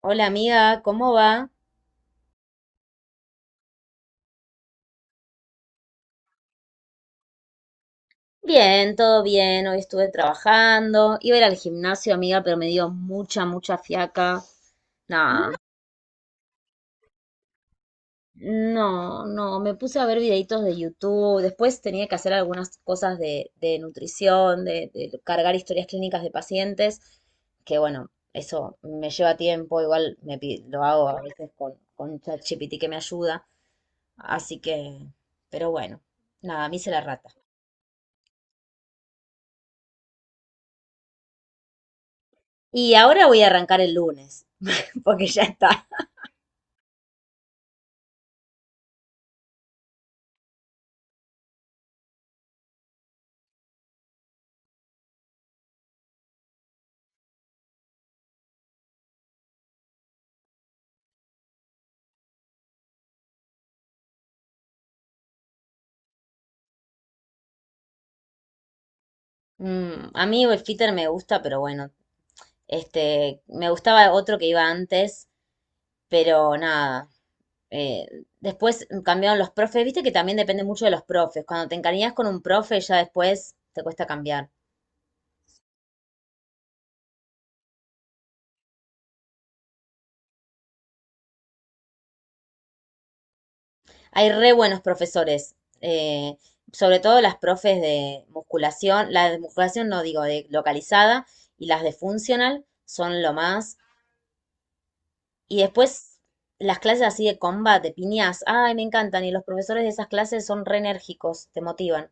Hola amiga, ¿cómo va? Bien, todo bien. Hoy estuve trabajando. Iba a ir al gimnasio, amiga, pero me dio mucha, mucha fiaca. Nada. No, no, me puse a ver videitos de YouTube. Después tenía que hacer algunas cosas de nutrición, de cargar historias clínicas de pacientes, que bueno, eso me lleva tiempo. Igual lo hago a veces con ChatGPT que me ayuda. Así que, pero bueno, nada, me hice la rata. Y ahora voy a arrancar el lunes, porque ya está. A mí el Fitter me gusta, pero bueno, este, me gustaba otro que iba antes, pero nada. eh, después cambiaron los profes, viste que también depende mucho de los profes. Cuando te encariñas con un profe, ya después te cuesta cambiar. Hay re buenos profesores, eh, sobre todo las profes de musculación, la de musculación no digo de localizada, y las de funcional son lo más. Y después las clases así de combate, piñas, ay, me encantan. Y los profesores de esas clases son re enérgicos, te motivan.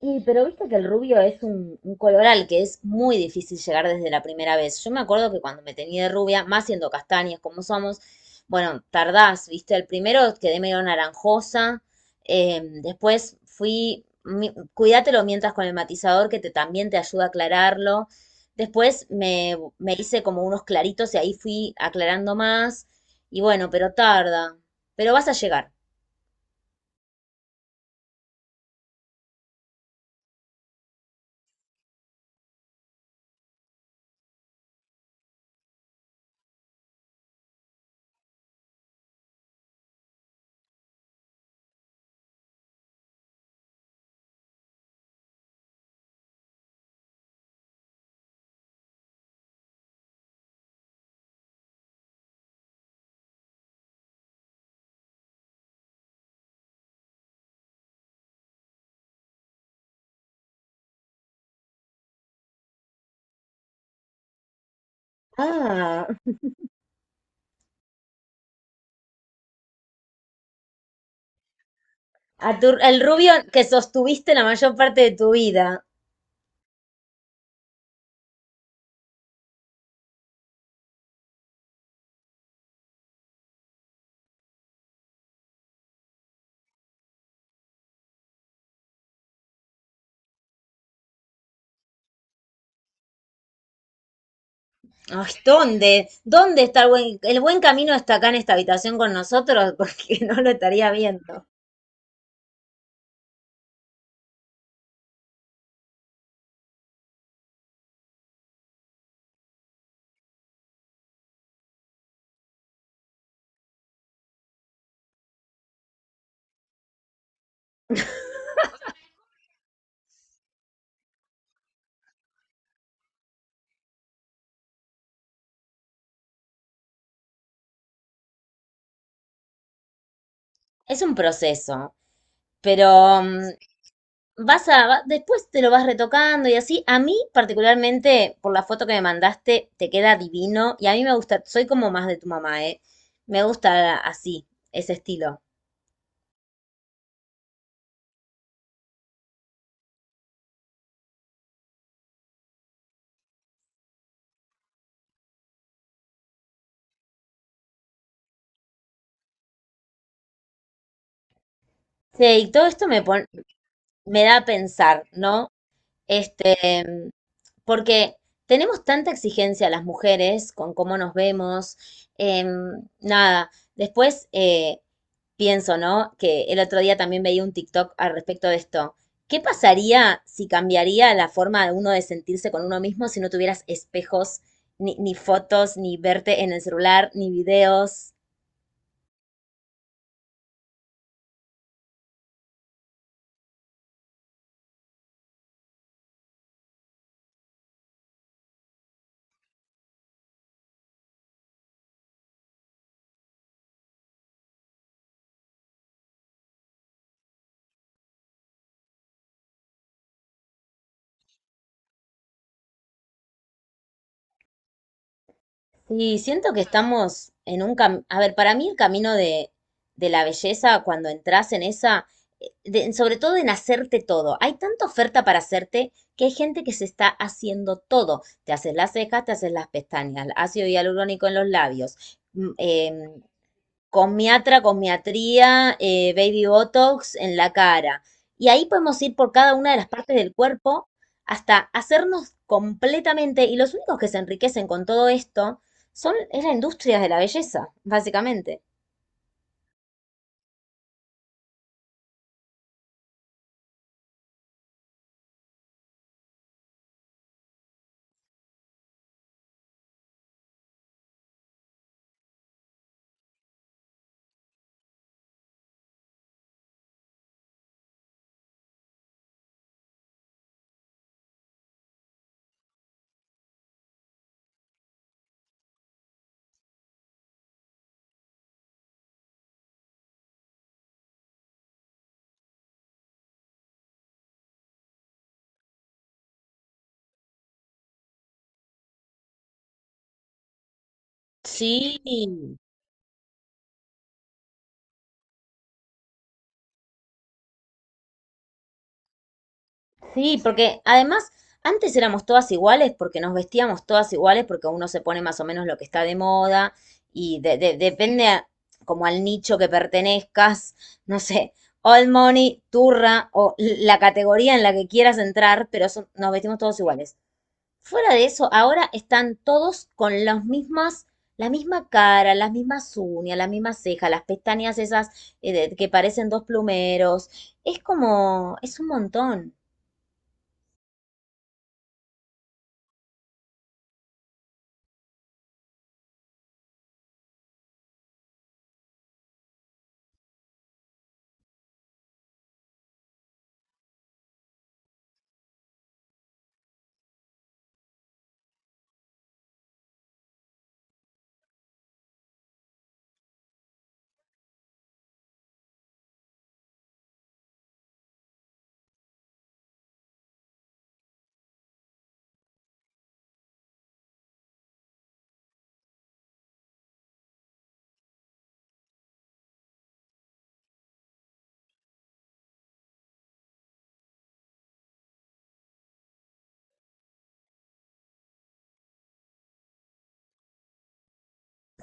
Y, pero viste que el rubio es un color al que es muy difícil llegar desde la primera vez. Yo me acuerdo que cuando me tenía de rubia, más siendo castañas como somos, bueno, tardás, viste, el primero quedé medio naranjosa, después fui, cuídatelo mientras con el matizador que te, también te ayuda a aclararlo. Después me hice como unos claritos y ahí fui aclarando más. Y bueno, pero tarda, pero vas a llegar. Ah, El rubio que sostuviste la mayor parte de tu vida. Ay, ¿dónde? ¿Dónde está el buen camino está acá en esta habitación con nosotros? Porque no lo estaría viendo. Es un proceso, pero después te lo vas retocando y así. A mí, particularmente, por la foto que me mandaste, te queda divino, y a mí me gusta, soy como más de tu mamá, ¿eh? Me gusta así, ese estilo. Sí, y todo esto me da a pensar, ¿no? Este, porque tenemos tanta exigencia las mujeres con cómo nos vemos. Nada, después pienso, ¿no? Que el otro día también veía un TikTok al respecto de esto. ¿Qué pasaría si cambiaría la forma de uno de sentirse con uno mismo si no tuvieras espejos, ni fotos, ni verte en el celular, ni videos? Sí, siento que estamos en un camino, a ver, para mí el camino de la belleza, cuando entras en esa, sobre todo en hacerte todo, hay tanta oferta para hacerte que hay gente que se está haciendo todo. Te haces las cejas, te haces las pestañas, ácido hialurónico en los labios, mm, em, comiatría, baby botox en la cara. Y ahí podemos ir por cada una de las partes del cuerpo hasta hacernos completamente, y los únicos que se enriquecen con todo esto es la industria de la belleza, básicamente. Sí, sí, porque además antes éramos todas iguales porque nos vestíamos todas iguales porque uno se pone más o menos lo que está de moda, y depende como al nicho que pertenezcas, no sé, All Money, Turra o la categoría en la que quieras entrar, pero nos vestimos todos iguales. Fuera de eso, ahora están todos con la misma cara, las mismas uñas, las mismas cejas, las pestañas esas que parecen dos plumeros. Es como, es un montón.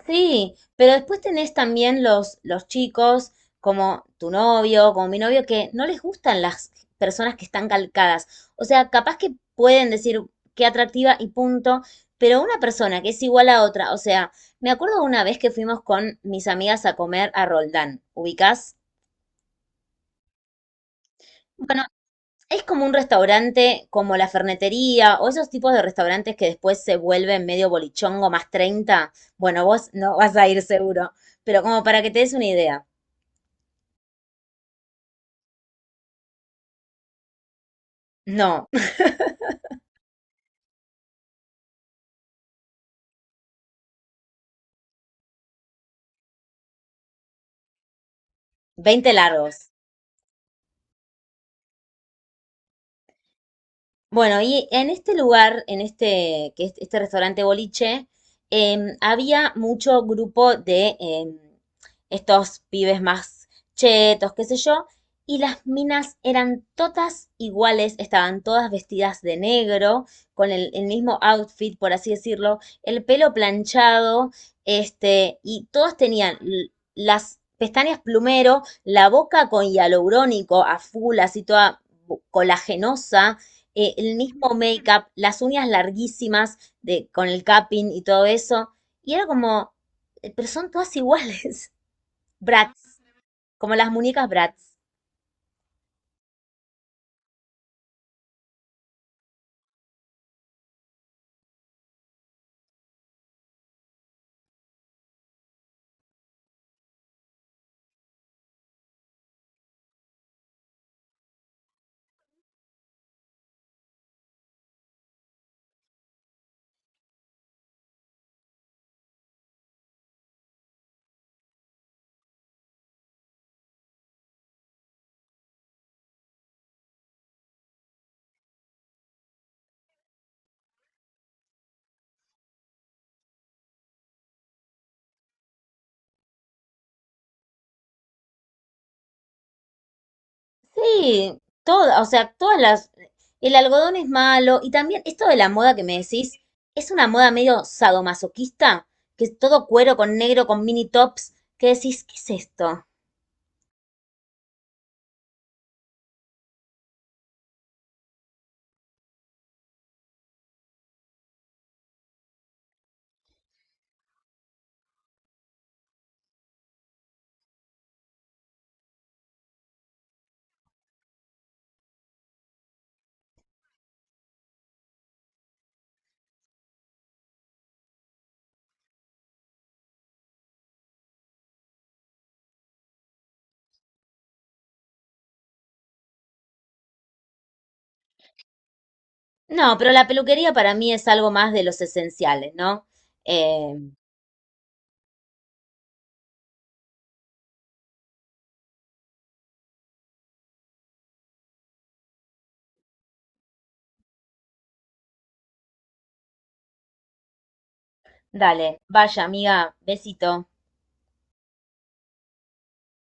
Sí, pero después tenés también los chicos, como tu novio, como mi novio, que no les gustan las personas que están calcadas. O sea, capaz que pueden decir qué atractiva y punto, pero una persona que es igual a otra, o sea, me acuerdo una vez que fuimos con mis amigas a comer a Roldán, ¿ubicás? Bueno, es como un restaurante, como la fernetería, o esos tipos de restaurantes que después se vuelven medio bolichongo más 30. Bueno, vos no vas a ir seguro, pero como para que te des una idea. No, 20 largos. Bueno, y en este lugar, en este, que es este restaurante boliche, había mucho grupo de estos pibes más chetos, qué sé yo, y las minas eran todas iguales, estaban todas vestidas de negro, con el mismo outfit, por así decirlo, el pelo planchado, este, y todas tenían las pestañas plumero, la boca con hialurónico a full, así toda colagenosa, el mismo make-up, las uñas larguísimas, de, con el capping y todo eso. Y era como, pero son todas iguales, Bratz, como las muñecas Bratz. Sí, todas, o sea, todas las... El algodón es malo, y también esto de la moda que me decís es una moda medio sadomasoquista, que es todo cuero con negro, con mini tops, que decís, ¿qué es esto? No, pero la peluquería para mí es algo más de los esenciales, ¿no? Eh, dale, vaya amiga, besito.